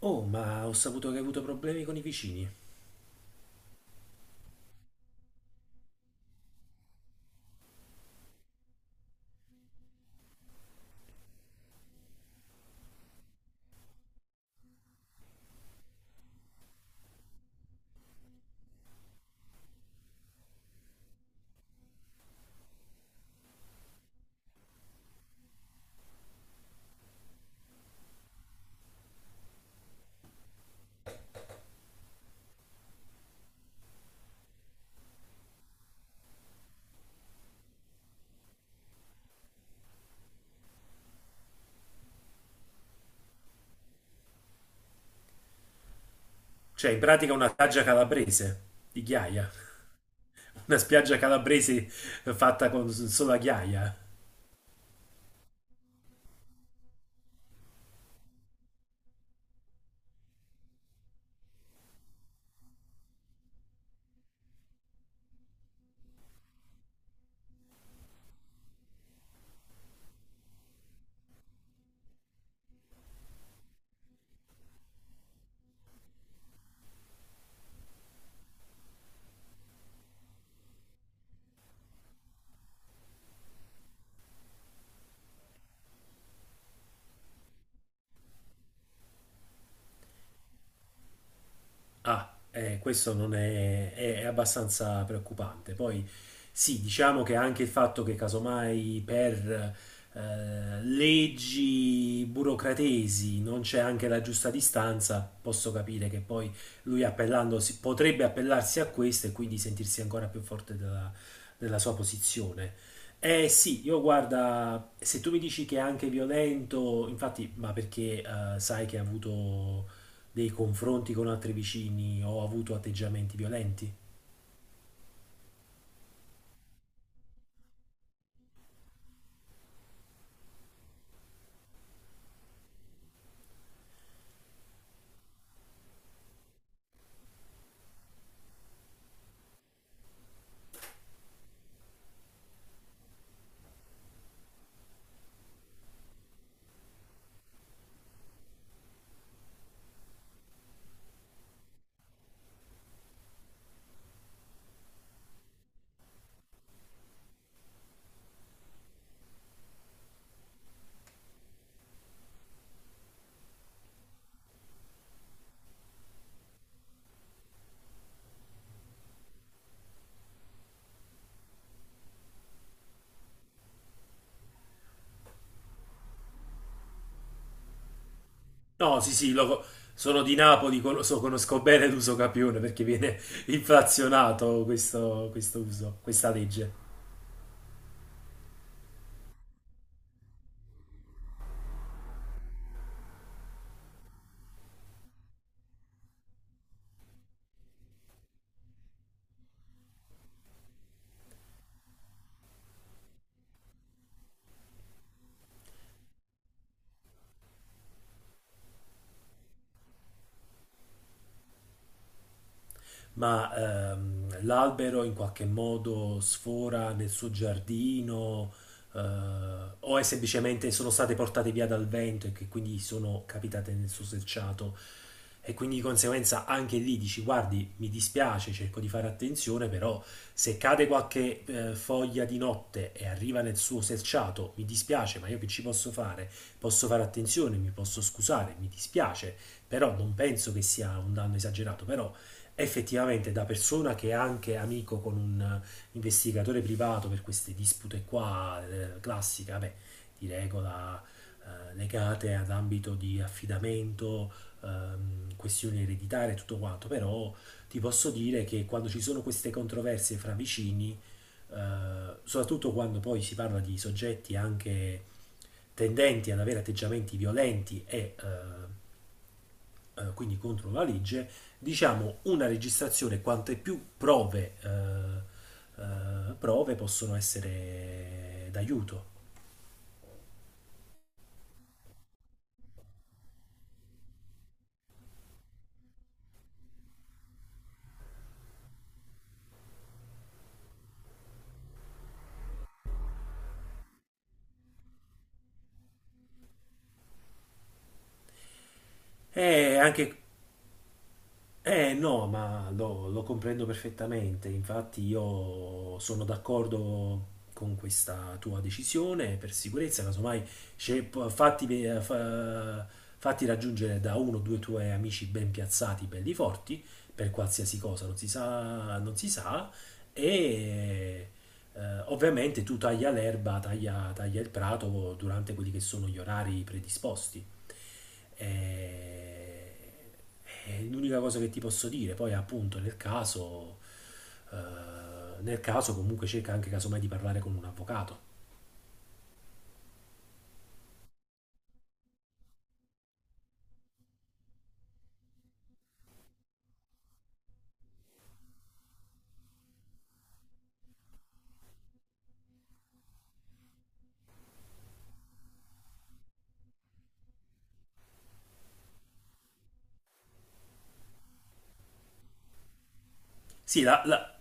Oh, ma ho saputo che hai avuto problemi con i vicini. Cioè, in pratica una spiaggia calabrese di ghiaia. Una spiaggia calabrese fatta con solo la ghiaia. Ah, questo non è, è abbastanza preoccupante. Poi sì, diciamo che anche il fatto che casomai per leggi burocratesi non c'è anche la giusta distanza, posso capire che poi lui appellandosi potrebbe appellarsi a questo e quindi sentirsi ancora più forte della sua posizione. Eh sì, io guarda, se tu mi dici che è anche violento, infatti, ma perché sai che ha avuto dei confronti con altri vicini o ha avuto atteggiamenti violenti? No, sì, sì, sono di Napoli, conosco bene l'uso capione perché viene inflazionato questo, questo uso, questa legge. Ma l'albero in qualche modo sfora nel suo giardino, eh, o è semplicemente sono state portate via dal vento e che quindi sono capitate nel suo selciato. E quindi di conseguenza anche lì dici: guardi, mi dispiace, cerco di fare attenzione, però se cade qualche foglia di notte e arriva nel suo selciato, mi dispiace, ma io che ci posso fare? Posso fare attenzione, mi posso scusare, mi dispiace, però non penso che sia un danno esagerato, però effettivamente da persona che è anche amico con un investigatore privato per queste dispute qua, classiche, vabbè, di regola legate ad ambito di affidamento, questioni ereditarie e tutto quanto, però ti posso dire che quando ci sono queste controversie fra vicini, soprattutto quando poi si parla di soggetti anche tendenti ad avere atteggiamenti violenti e quindi contro la legge, diciamo una registrazione quante più prove, prove possono essere d'aiuto. E anche eh no, ma lo comprendo perfettamente, infatti io sono d'accordo con questa tua decisione per sicurezza, casomai fatti, fatti raggiungere da uno o due tuoi amici ben piazzati, belli forti, per qualsiasi cosa, non si sa, non si sa, e ovviamente tu taglia l'erba, taglia, taglia il prato durante quelli che sono gli orari predisposti. E- è l'unica cosa che ti posso dire. Poi, appunto, nel caso comunque cerca anche casomai di parlare con un avvocato. Sì,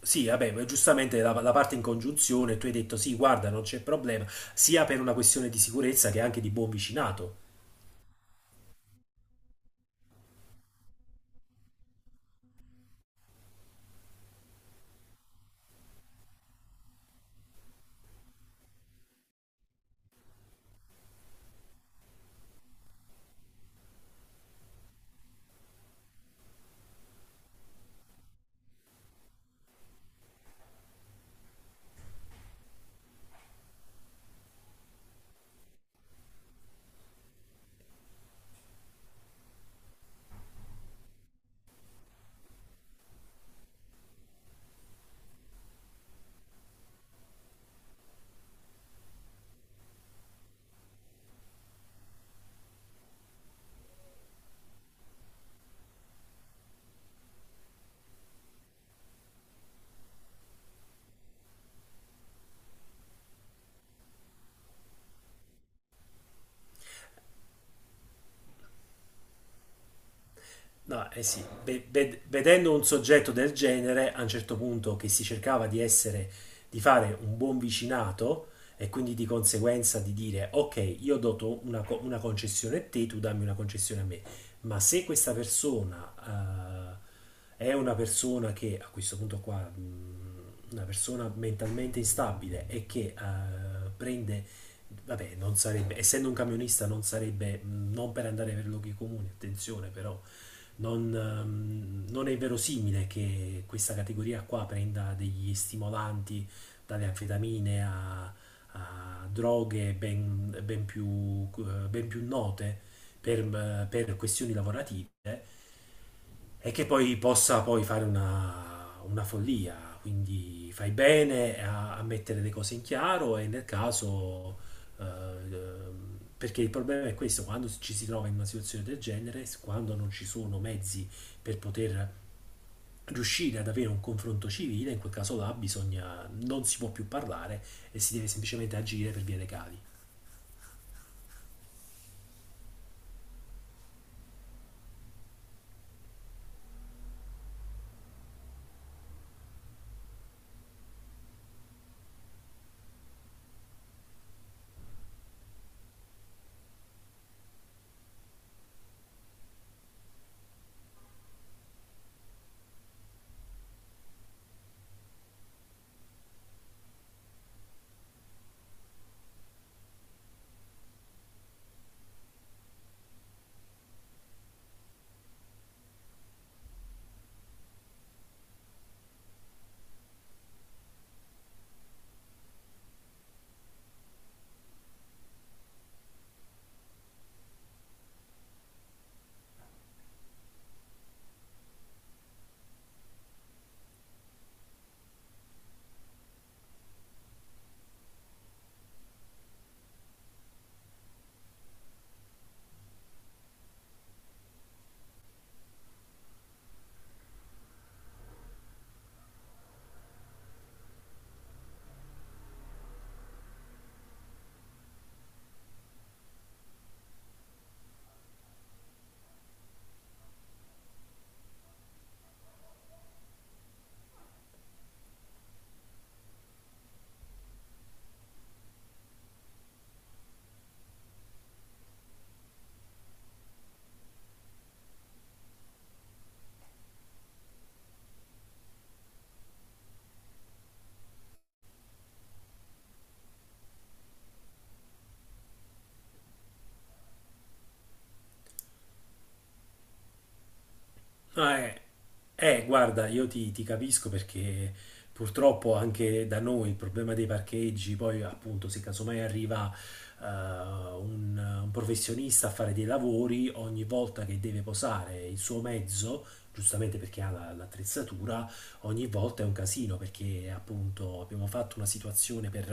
sì, vabbè, ma giustamente la parte in congiunzione, tu hai detto sì, guarda, non c'è problema, sia per una questione di sicurezza che anche di buon vicinato. No, eh sì, vedendo un soggetto del genere, a un certo punto che si cercava di essere, di fare un buon vicinato e quindi di conseguenza di dire, ok, io do una, una concessione a te, tu dammi una concessione a me, ma se questa persona è una persona che, a questo punto qua, una persona mentalmente instabile e che prende, vabbè, non sarebbe, essendo un camionista non sarebbe, non per andare per luoghi comuni, attenzione però non, non è verosimile che questa categoria qua prenda degli stimolanti dalle anfetamine a, a droghe ben, ben più note per, per questioni lavorative e che poi possa poi fare una follia. Quindi fai bene a, a mettere le cose in chiaro e nel caso, eh, perché il problema è questo, quando ci si trova in una situazione del genere, quando non ci sono mezzi per poter riuscire ad avere un confronto civile, in quel caso là bisogna, non si può più parlare e si deve semplicemente agire per vie legali. Ah, guarda, io ti, ti capisco perché purtroppo anche da noi il problema dei parcheggi, poi appunto se casomai arriva un professionista a fare dei lavori, ogni volta che deve posare il suo mezzo, giustamente perché l'attrezzatura, ogni volta è un casino perché appunto abbiamo fatto una situazione per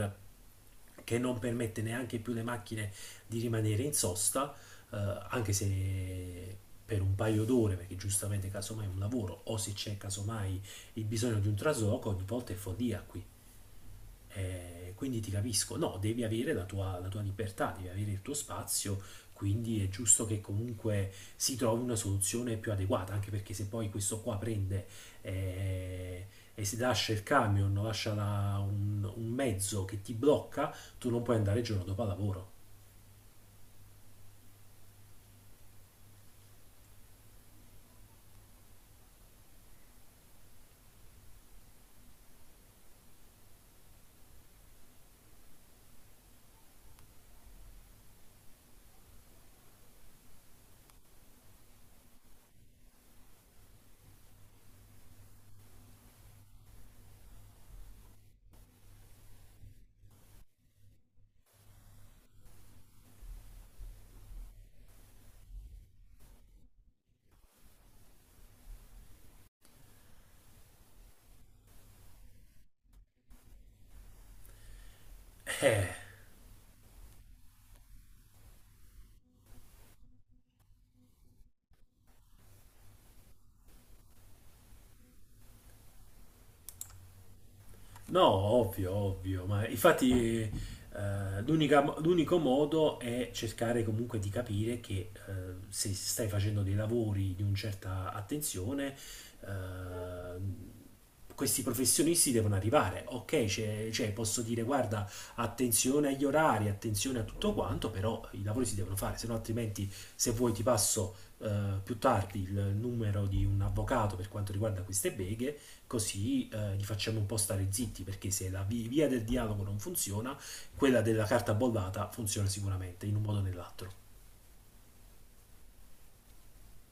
che non permette neanche più alle macchine di rimanere in sosta, eh, anche se per un paio d'ore, perché giustamente casomai è un lavoro, o se c'è casomai il bisogno di un trasloco, ogni volta è follia qui. Quindi ti capisco, no, devi avere la tua libertà, devi avere il tuo spazio, quindi è giusto che comunque si trovi una soluzione più adeguata, anche perché se poi questo qua prende eh, e si lascia il camion, un mezzo che ti blocca, tu non puoi andare il giorno dopo al lavoro. Eh, No, ovvio, ovvio, ma infatti eh, l'unico modo è cercare comunque di capire che se stai facendo dei lavori di una certa attenzione, eh, questi professionisti devono arrivare. Ok, cioè, posso dire guarda, attenzione agli orari, attenzione a tutto quanto, però i lavori si devono fare, se no altrimenti se vuoi ti passo più tardi il numero di un avvocato per quanto riguarda queste beghe così li facciamo un po' stare zitti, perché se via del dialogo non funziona, quella della carta bollata funziona sicuramente, in un modo o nell'altro.